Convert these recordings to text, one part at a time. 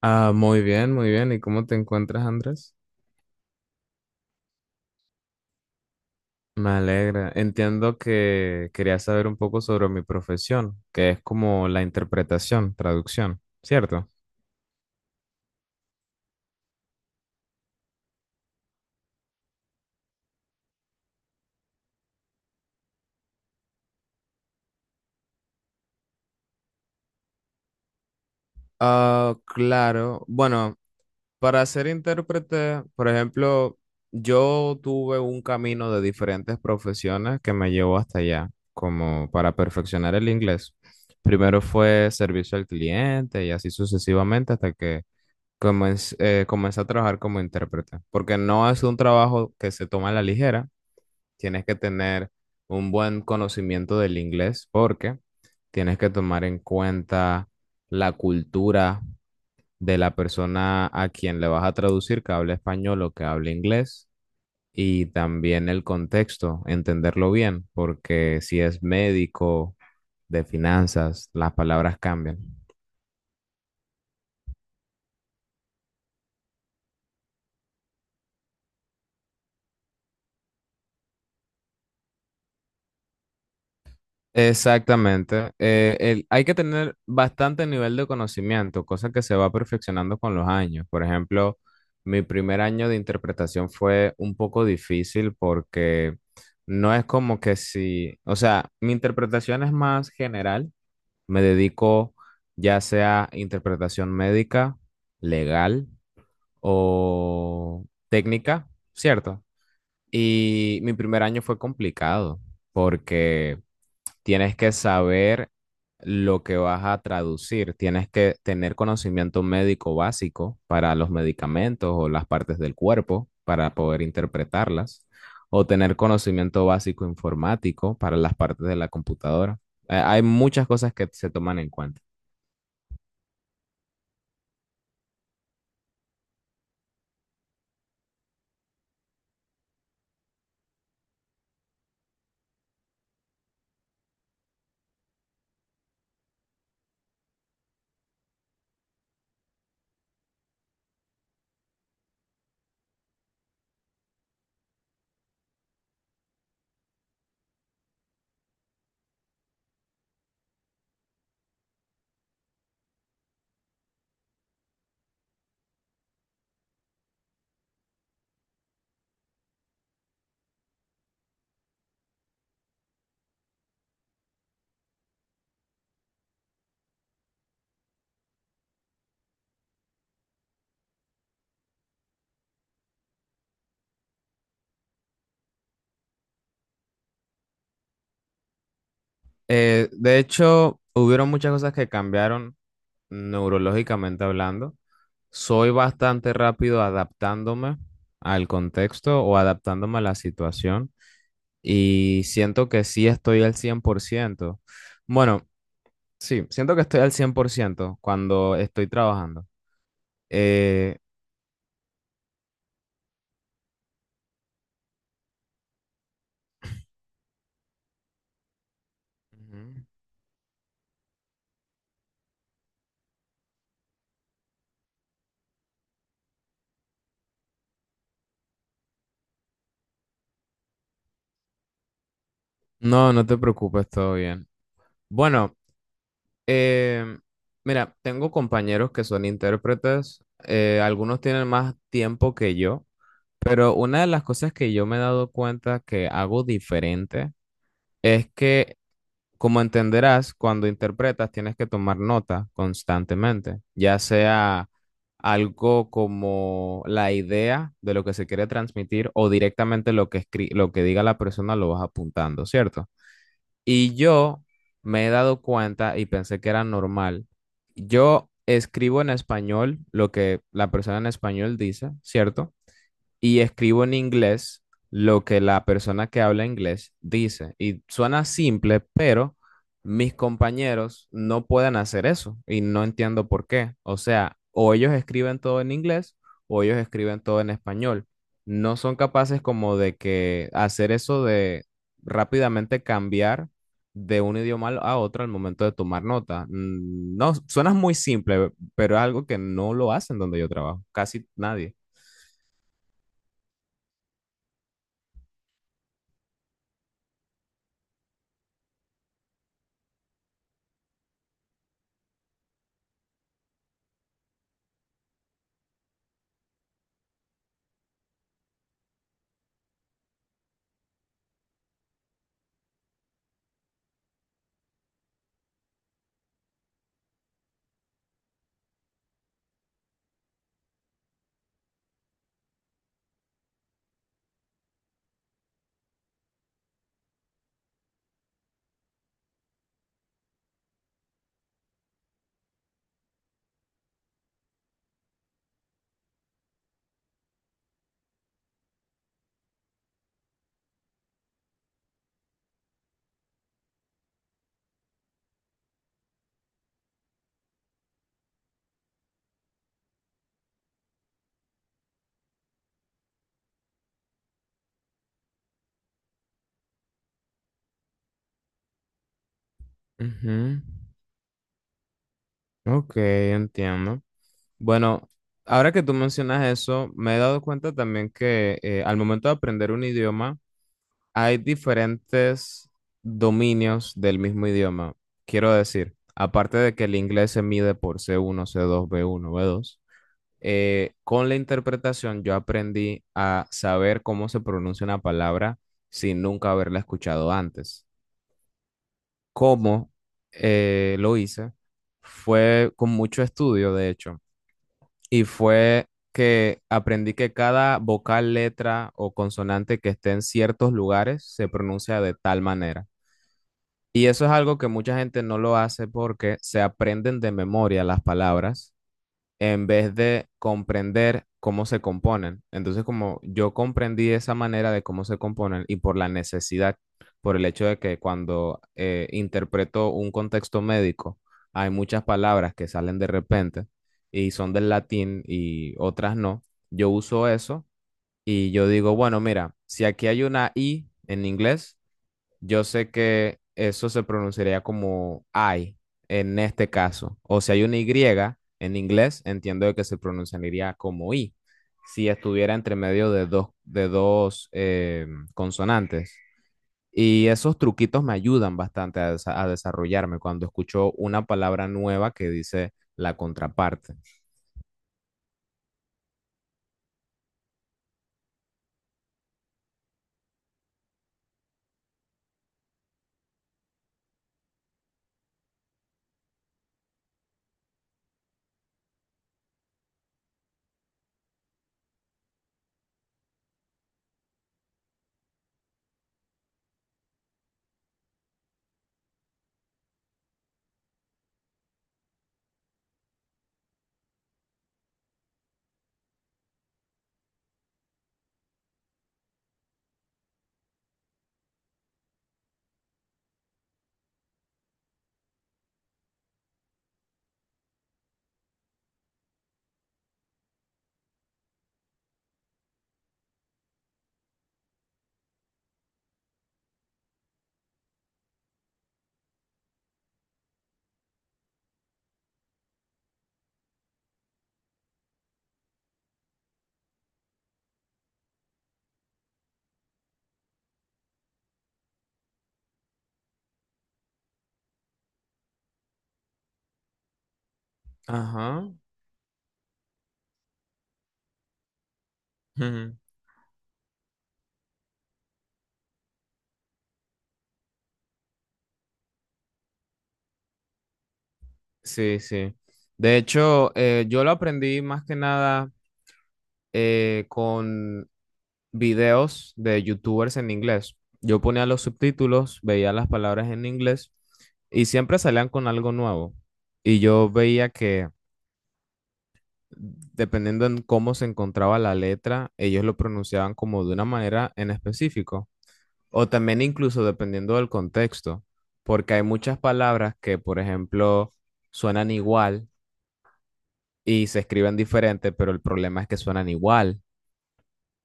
Ah, muy bien, muy bien. ¿Y cómo te encuentras, Andrés? Me alegra. Entiendo que querías saber un poco sobre mi profesión, que es como la interpretación, traducción, ¿cierto? Ah, claro. Bueno, para ser intérprete, por ejemplo, yo tuve un camino de diferentes profesiones que me llevó hasta allá, como para perfeccionar el inglés. Primero fue servicio al cliente y así sucesivamente hasta que comencé a trabajar como intérprete, porque no es un trabajo que se toma a la ligera, tienes que tener un buen conocimiento del inglés porque tienes que tomar en cuenta la cultura de la persona a quien le vas a traducir, que hable español o que hable inglés, y también el contexto, entenderlo bien, porque si es médico, de finanzas, las palabras cambian. Exactamente. Hay que tener bastante nivel de conocimiento, cosa que se va perfeccionando con los años. Por ejemplo, mi primer año de interpretación fue un poco difícil porque no es como que si, o sea, mi interpretación es más general. Me dedico ya sea interpretación médica, legal o técnica, ¿cierto? Y mi primer año fue complicado porque... Tienes que saber lo que vas a traducir, tienes que tener conocimiento médico básico para los medicamentos o las partes del cuerpo para poder interpretarlas, o tener conocimiento básico informático para las partes de la computadora. Hay muchas cosas que se toman en cuenta. De hecho, hubieron muchas cosas que cambiaron neurológicamente hablando. Soy bastante rápido adaptándome al contexto o adaptándome a la situación. Y siento que sí estoy al 100%. Bueno, sí, siento que estoy al 100% cuando estoy trabajando. Eh, Ujú. No, no te preocupes, todo bien. Bueno, em, mira, tengo compañeros que son intérpretes, algunos tienen más tiempo que yo, pero una de las cosas que yo me he dado cuenta que hago diferente es que... Como entenderás, cuando interpretas tienes que tomar nota constantemente, ya sea algo como la idea de lo que se quiere transmitir o directamente lo que lo que diga la persona lo vas apuntando, ¿cierto? Y yo me he dado cuenta y pensé que era normal. Yo escribo en español lo que la persona en español dice, ¿cierto? Y escribo en inglés lo que la persona que habla inglés dice. Y suena simple, pero mis compañeros no pueden hacer eso y no entiendo por qué. O sea, o ellos escriben todo en inglés o ellos escriben todo en español. No son capaces como de que hacer eso de rápidamente cambiar de un idioma a otro al momento de tomar nota. No, suena muy simple, pero es algo que no lo hacen donde yo trabajo, casi nadie. Ujú. Ok, entiendo. Bueno, ahora que tú mencionas eso, me he dado cuenta también que al momento de aprender un idioma, hay diferentes dominios del mismo idioma. Quiero decir, aparte de que el inglés se mide por C1, C2, B1, B2, con la interpretación yo aprendí a saber cómo se pronuncia una palabra sin nunca haberla escuchado antes. ¿Cómo lo hice? Fue con mucho estudio, de hecho. Y fue que aprendí que cada vocal, letra o consonante que esté en ciertos lugares se pronuncia de tal manera. Y eso es algo que mucha gente no lo hace porque se aprenden de memoria las palabras en vez de comprender cómo se componen. Entonces, como yo comprendí esa manera de cómo se componen y por la necesidad, por el hecho de que cuando interpreto un contexto médico, hay muchas palabras que salen de repente y son del latín y otras no, yo uso eso y yo digo, bueno, mira, si aquí hay una I en inglés, yo sé que eso se pronunciaría como I en este caso. O si hay una Y en inglés, entiendo de que se pronunciaría como I, si estuviera entre medio de dos consonantes. Y esos truquitos me ayudan bastante a desarrollarme cuando escucho una palabra nueva que dice la contraparte. Ajá. Ujú. Sí, sí. De hecho, yo lo aprendí más que nada con videos de youtubers en inglés. Yo ponía los subtítulos, veía las palabras en inglés y siempre salían con algo nuevo. Y yo veía que dependiendo en cómo se encontraba la letra, ellos lo pronunciaban como de una manera en específico. O también incluso dependiendo del contexto, porque hay muchas palabras que, por ejemplo, suenan igual y se escriben diferente, pero el problema es que suenan igual.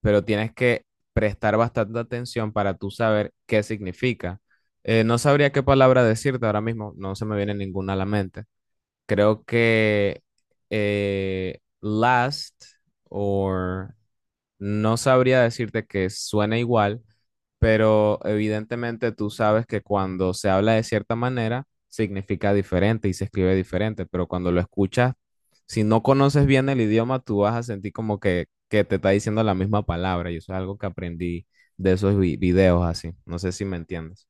Pero tienes que prestar bastante atención para tú saber qué significa. No sabría qué palabra decirte ahora mismo, no se me viene ninguna a la mente. Creo que last o no sabría decirte que suena igual, pero evidentemente tú sabes que cuando se habla de cierta manera, significa diferente y se escribe diferente, pero cuando lo escuchas, si no conoces bien el idioma, tú vas a sentir como que te está diciendo la misma palabra, y eso es algo que aprendí de esos videos así, no sé si me entiendes.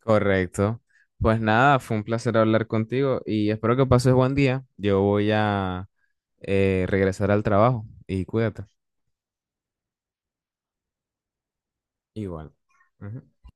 Correcto. Pues nada, fue un placer hablar contigo y espero que pases buen día. Yo voy a regresar al trabajo y cuídate. Igual. Ujú.